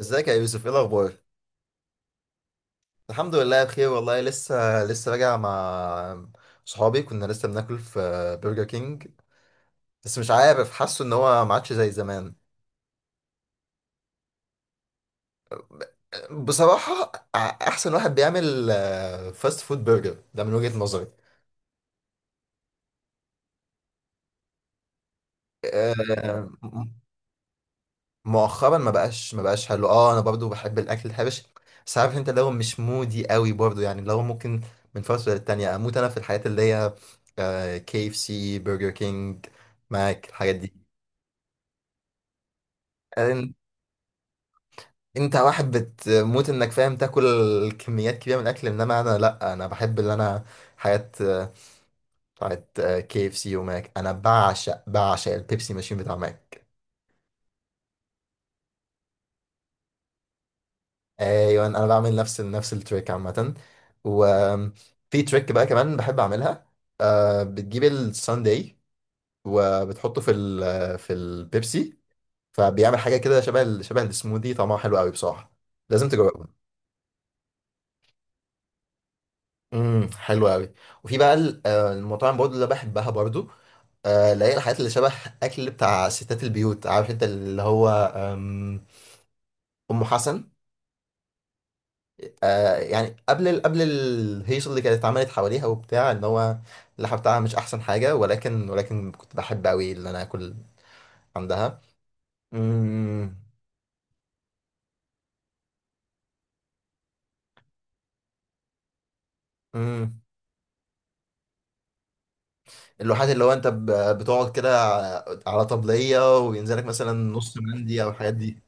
ازيك يا يوسف، ايه الاخبار؟ الحمد لله بخير والله. لسه راجع مع صحابي، كنا لسه بناكل في برجر كينج. بس مش عارف، حاسه ان هو ما عادش زي زمان. بصراحة، ع- احسن واحد بيعمل فاست فود برجر ده من وجهة نظري. آه، م- مؤخرا ما بقاش حلو. اه، انا برضو بحب الاكل الحبش، بس عارف انت، لو مش مودي قوي برضو، يعني لو ممكن من فترة للتانية اموت انا في الحاجات اللي هي كي اف سي، برجر كينج، ماك، الحاجات دي. أن- انت واحد بتموت انك فاهم تاكل كميات كبيره من الاكل، انما انا لا، انا بحب اللي انا حاجات بتاعت كي اف سي وماك. انا بعشق البيبسي ماشين بتاع ماك. ايوه، انا بعمل نفس التريك عامه. وفي تريك بقى كمان بحب اعملها، بتجيب الساندي وبتحطه في البيبسي، فبيعمل حاجه كده شبه السموذي، طعمها حلو قوي بصراحه، لازم تجربه. حلو قوي. وفي بقى المطاعم برضو اللي بحبها برضو، اللي هي الحاجات اللي شبه اكل بتاع ستات البيوت، عارف انت، اللي هو آم، ام حسن. يعني قبل قبل الهيصه اللي كانت اتعملت حواليها وبتاع، ان هو اللحمه بتاعها مش احسن حاجه، ولكن كنت بحب قوي ان انا اكل عندها. امم امم اللوحات اللي هو انت بتقعد كده على طبليه وينزلك مثلا نص مندي او الحاجات دي.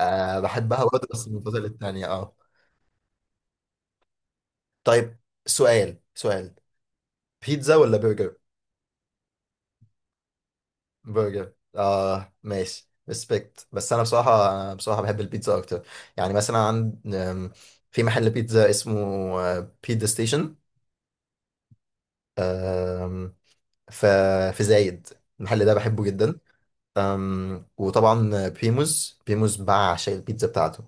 أه بحبها برضه، بس من الفترة للتانية، اه. طيب، سؤال: بيتزا ولا برجر؟ برجر، اه ماشي، ريسبكت. بس انا بصراحه، بحب البيتزا اكتر. يعني مثلا عند، في محل بيتزا اسمه بيتزا ستيشن، ف في زايد. المحل ده بحبه جدا. وطبعا بريموز بعشق البيتزا بتاعته.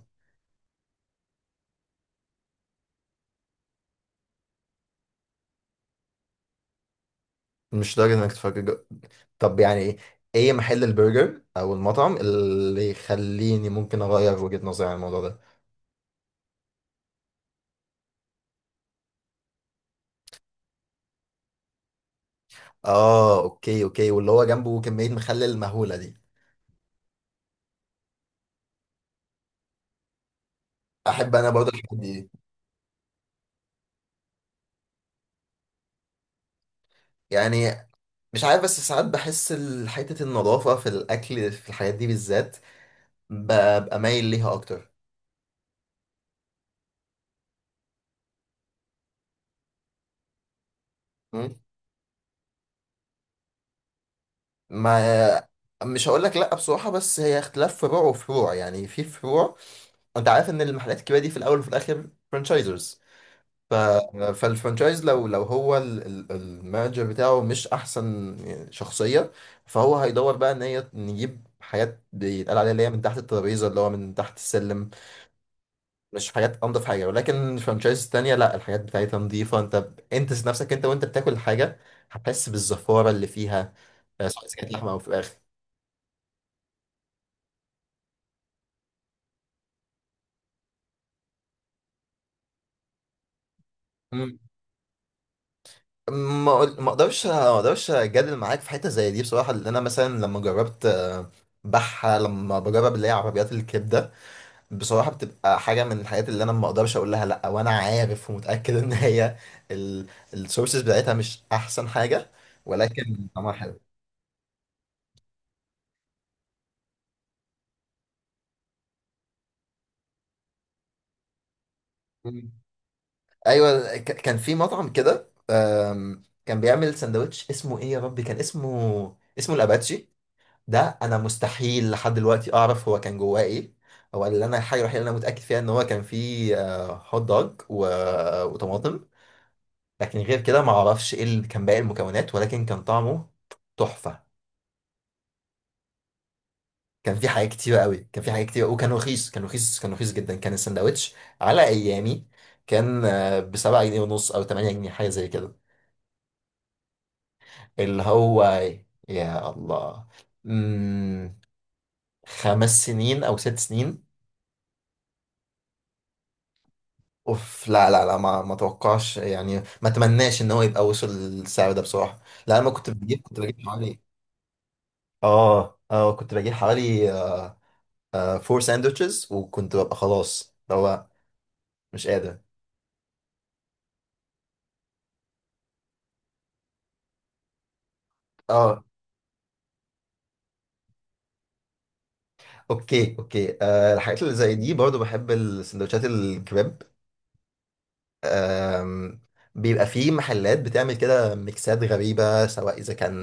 مش لدرجه انك تفكر طب يعني ايه، ايه محل البرجر او المطعم اللي يخليني ممكن اغير وجهة نظري عن الموضوع ده؟ اه اوكي اوكي، واللي هو جنبه كمية مخلل مهولة دي. احب انا برضه الحاجات دي. يعني مش عارف، بس ساعات بحس حتة النظافة في الاكل في الحاجات دي بالذات ببقى مايل ليها اكتر. مم. ما مش هقول لك لا بصراحة، بس هي اختلاف فروع وفروع، يعني في فروع. انت عارف ان المحلات الكبيرة دي في الاول وفي الاخر فرانشايزرز. ف... فالفرانشايز لو هو المانجر بتاعه مش احسن شخصيه، فهو هيدور بقى ان هي نجيب حاجات بيتقال عليها اللي هي من تحت الترابيزه، اللي هو من تحت السلم. مش حاجات انضف حاجه، ولكن الفرانشايز التانيه لا، الحاجات بتاعتها نظيفه، انت ذات نفسك، انت وانت بتاكل الحاجه هتحس بالزفاره اللي فيها، سواء إذا كانت لحمه او فراخ. مم. ما اقدرش اجادل معاك في حته زي دي بصراحه، لان انا مثلا لما جربت، آه، بحه لما بجرب اللي هي عربيات الكبده، بصراحة بتبقى حاجة من الحاجات اللي أنا ما أقدرش أقول لها لأ، وأنا عارف ومتأكد إن هي السورسز بتاعتها مش أحسن حاجة، ولكن طعمها حلو. مم. أيوة، كان في مطعم كده كان بيعمل سندوتش اسمه إيه يا ربي، كان اسمه الأباتشي. ده أنا مستحيل لحد دلوقتي أعرف هو كان جواه إيه. هو اللي أنا الحاجة الوحيدة اللي أنا متأكد فيها إن هو كان فيه، هوت دوج وطماطم، لكن غير كده ما أعرفش إيه اللي كان باقي المكونات، ولكن كان طعمه تحفة. كان في حاجات كتيرة قوي، كان في حاجات كتيرة، وكان رخيص، كان رخيص، كان رخيص جدا. كان السندوتش على أيامي كان بـ7.5 جنيه أو 8 جنيه، حاجة زي كده. اللي هو يا الله، مم... 5 سنين أو 6 سنين. اوف لا لا لا، ما اتوقعش يعني، ما اتمناش ان هو يبقى وصل للسعر ده بصراحه. لا انا ما كنت بجيب، كنت بجيب حوالي. اه اه، كنت بجيب حوالي 4 ساندوتشز، وكنت ببقى خلاص اللي هو مش قادر. اه اوكي اوكي، الحاجات اللي زي دي برضو بحب السندوتشات الكباب، آم، بيبقى في محلات بتعمل كده ميكسات غريبة، سواء إذا كان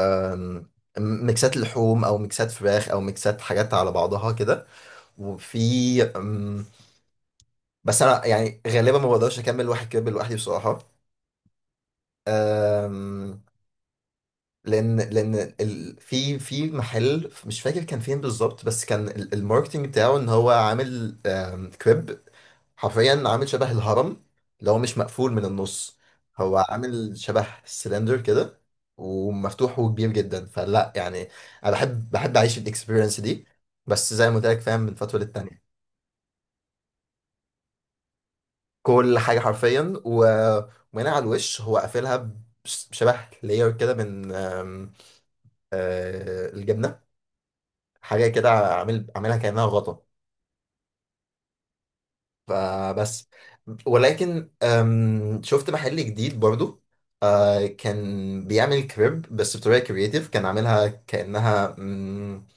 آم، ميكسات لحوم أو ميكسات فراخ أو ميكسات حاجات على بعضها كده. وفي بس أنا يعني غالبا ما بقدرش أكمل واحد كباب لوحدي بصراحة. آم، لأن في محل مش فاكر كان فين بالظبط، بس كان الماركتينج بتاعه إن هو عامل، كريب حرفيا عامل شبه الهرم لو مش مقفول من النص، هو عامل شبه سلندر كده، ومفتوح وكبير جدا، فلا يعني انا بحب اعيش الاكسبيرينس دي، بس زي ما قلت لك، فاهم، من فتره للتانيه. كل حاجه حرفيا ومن على الوش هو قافلها، بشبه لاير كده من، آم، آه، الجبنه، حاجه كده، عاملها كانها غطا، فبس. ولكن شفت محل جديد برضو، كان بيعمل كريب بس بطريقة كرياتيف، كان عاملها كأنها، مم،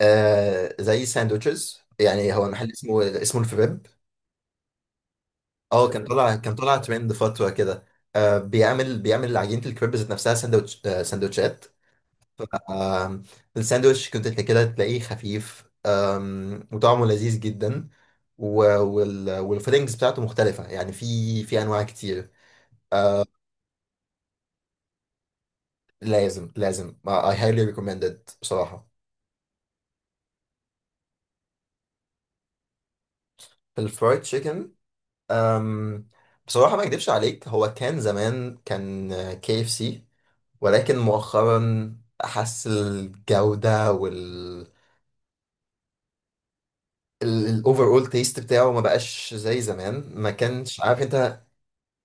آه، زي ساندوتشز، يعني هو المحل اسمه الفريب. اه، كان طلع، كان طلع ترند فترة كده، بيعمل عجينة الكريب ذات نفسها ساندوتش، ساندوتشات، آم، الساندوتش كنت كده تلاقيه خفيف، وطعمه لذيذ جدا، والفيلينجز بتاعته مختلفة، يعني في أنواع كتير. لازم لازم I highly recommend it بصراحة. في الفرايد تشيكن، أم بصراحة ما أكدبش عليك، هو كان زمان كان كي اف سي، ولكن مؤخرا أحس الجودة الأوفر أول تيست بتاعه ما بقاش زي زمان، ما كانش عارف أنت.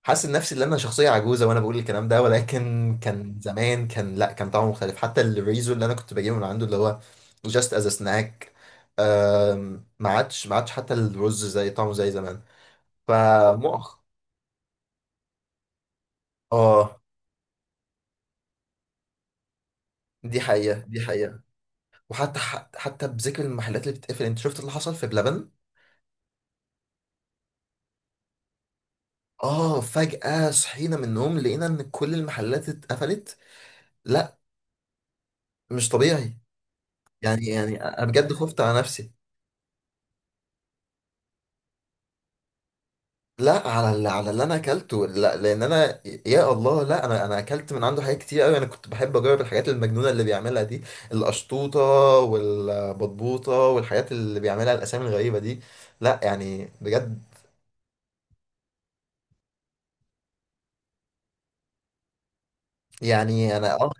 حاسس نفسي ان انا شخصيه عجوزه وانا بقول الكلام ده، ولكن كان زمان كان لا، كان طعمه مختلف، حتى الريزو اللي انا كنت بجيبه من عنده اللي هو جاست از سناك، ما عادش حتى الرز زي طعمه زي زمان. فمؤخ اه، دي حقيقه، دي حقيقه. وحتى حتى بذكر المحلات اللي بتقفل، انت شفت اللي حصل في بلبن؟ اه، فجأة صحينا من النوم لقينا ان كل المحلات اتقفلت، لا، مش طبيعي. يعني انا بجد خفت على نفسي. لا، على اللي، انا اكلته، لا لان انا يا الله، لا انا اكلت من عنده حاجات كتير قوي، انا كنت بحب اجرب الحاجات المجنونه اللي بيعملها دي: القشطوطه والبطبوطه والحاجات اللي بيعملها، الاسامي الغريبه دي. لا يعني بجد، يعني انا اه.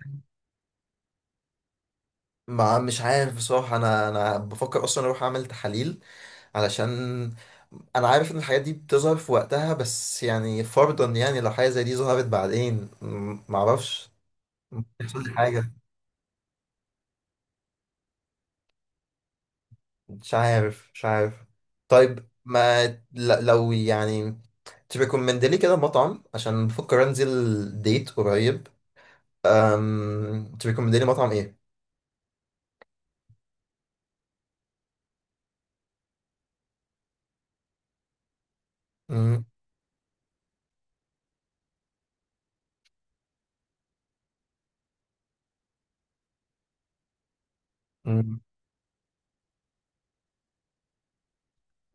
ما مش عارف بصراحه، انا بفكر اصلا اروح اعمل تحاليل علشان انا عارف ان الحاجات دي بتظهر في وقتها، بس يعني فرضا يعني لو حاجه زي دي ظهرت بعدين، معرفش. ممكن يحصل لي حاجه، مش عارف، مش عارف. طيب، ما ل- لو يعني تريكومند لي كده مطعم، عشان بفكر انزل ديت قريب. تريكومند لي مطعم ايه؟ مم. مم.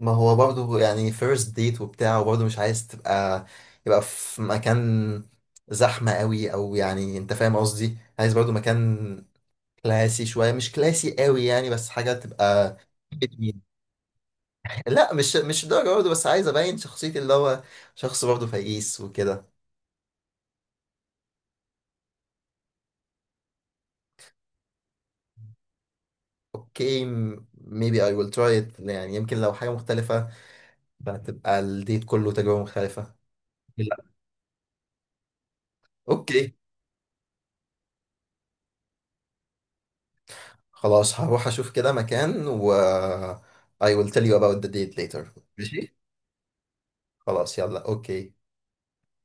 ما هو برضه يعني فيرست ديت وبتاع، وبرضه مش عايز تبقى، يبقى في مكان زحمة قوي او، يعني انت فاهم قصدي، عايز برضه مكان كلاسي شوية، مش كلاسي قوي يعني، بس حاجة تبقى. لا، مش الدرجة برضه، بس عايز أبين شخصيتي اللي هو شخص برضه فقيس وكده. اوكي، maybe I will try it، يعني يمكن لو حاجة مختلفة فهتبقى الديت كله تجربة مختلفة. لا، اوكي، خلاص، هروح أشوف كده مكان و I will tell you about the date later. ماشي، خلاص، يلا، اوكي.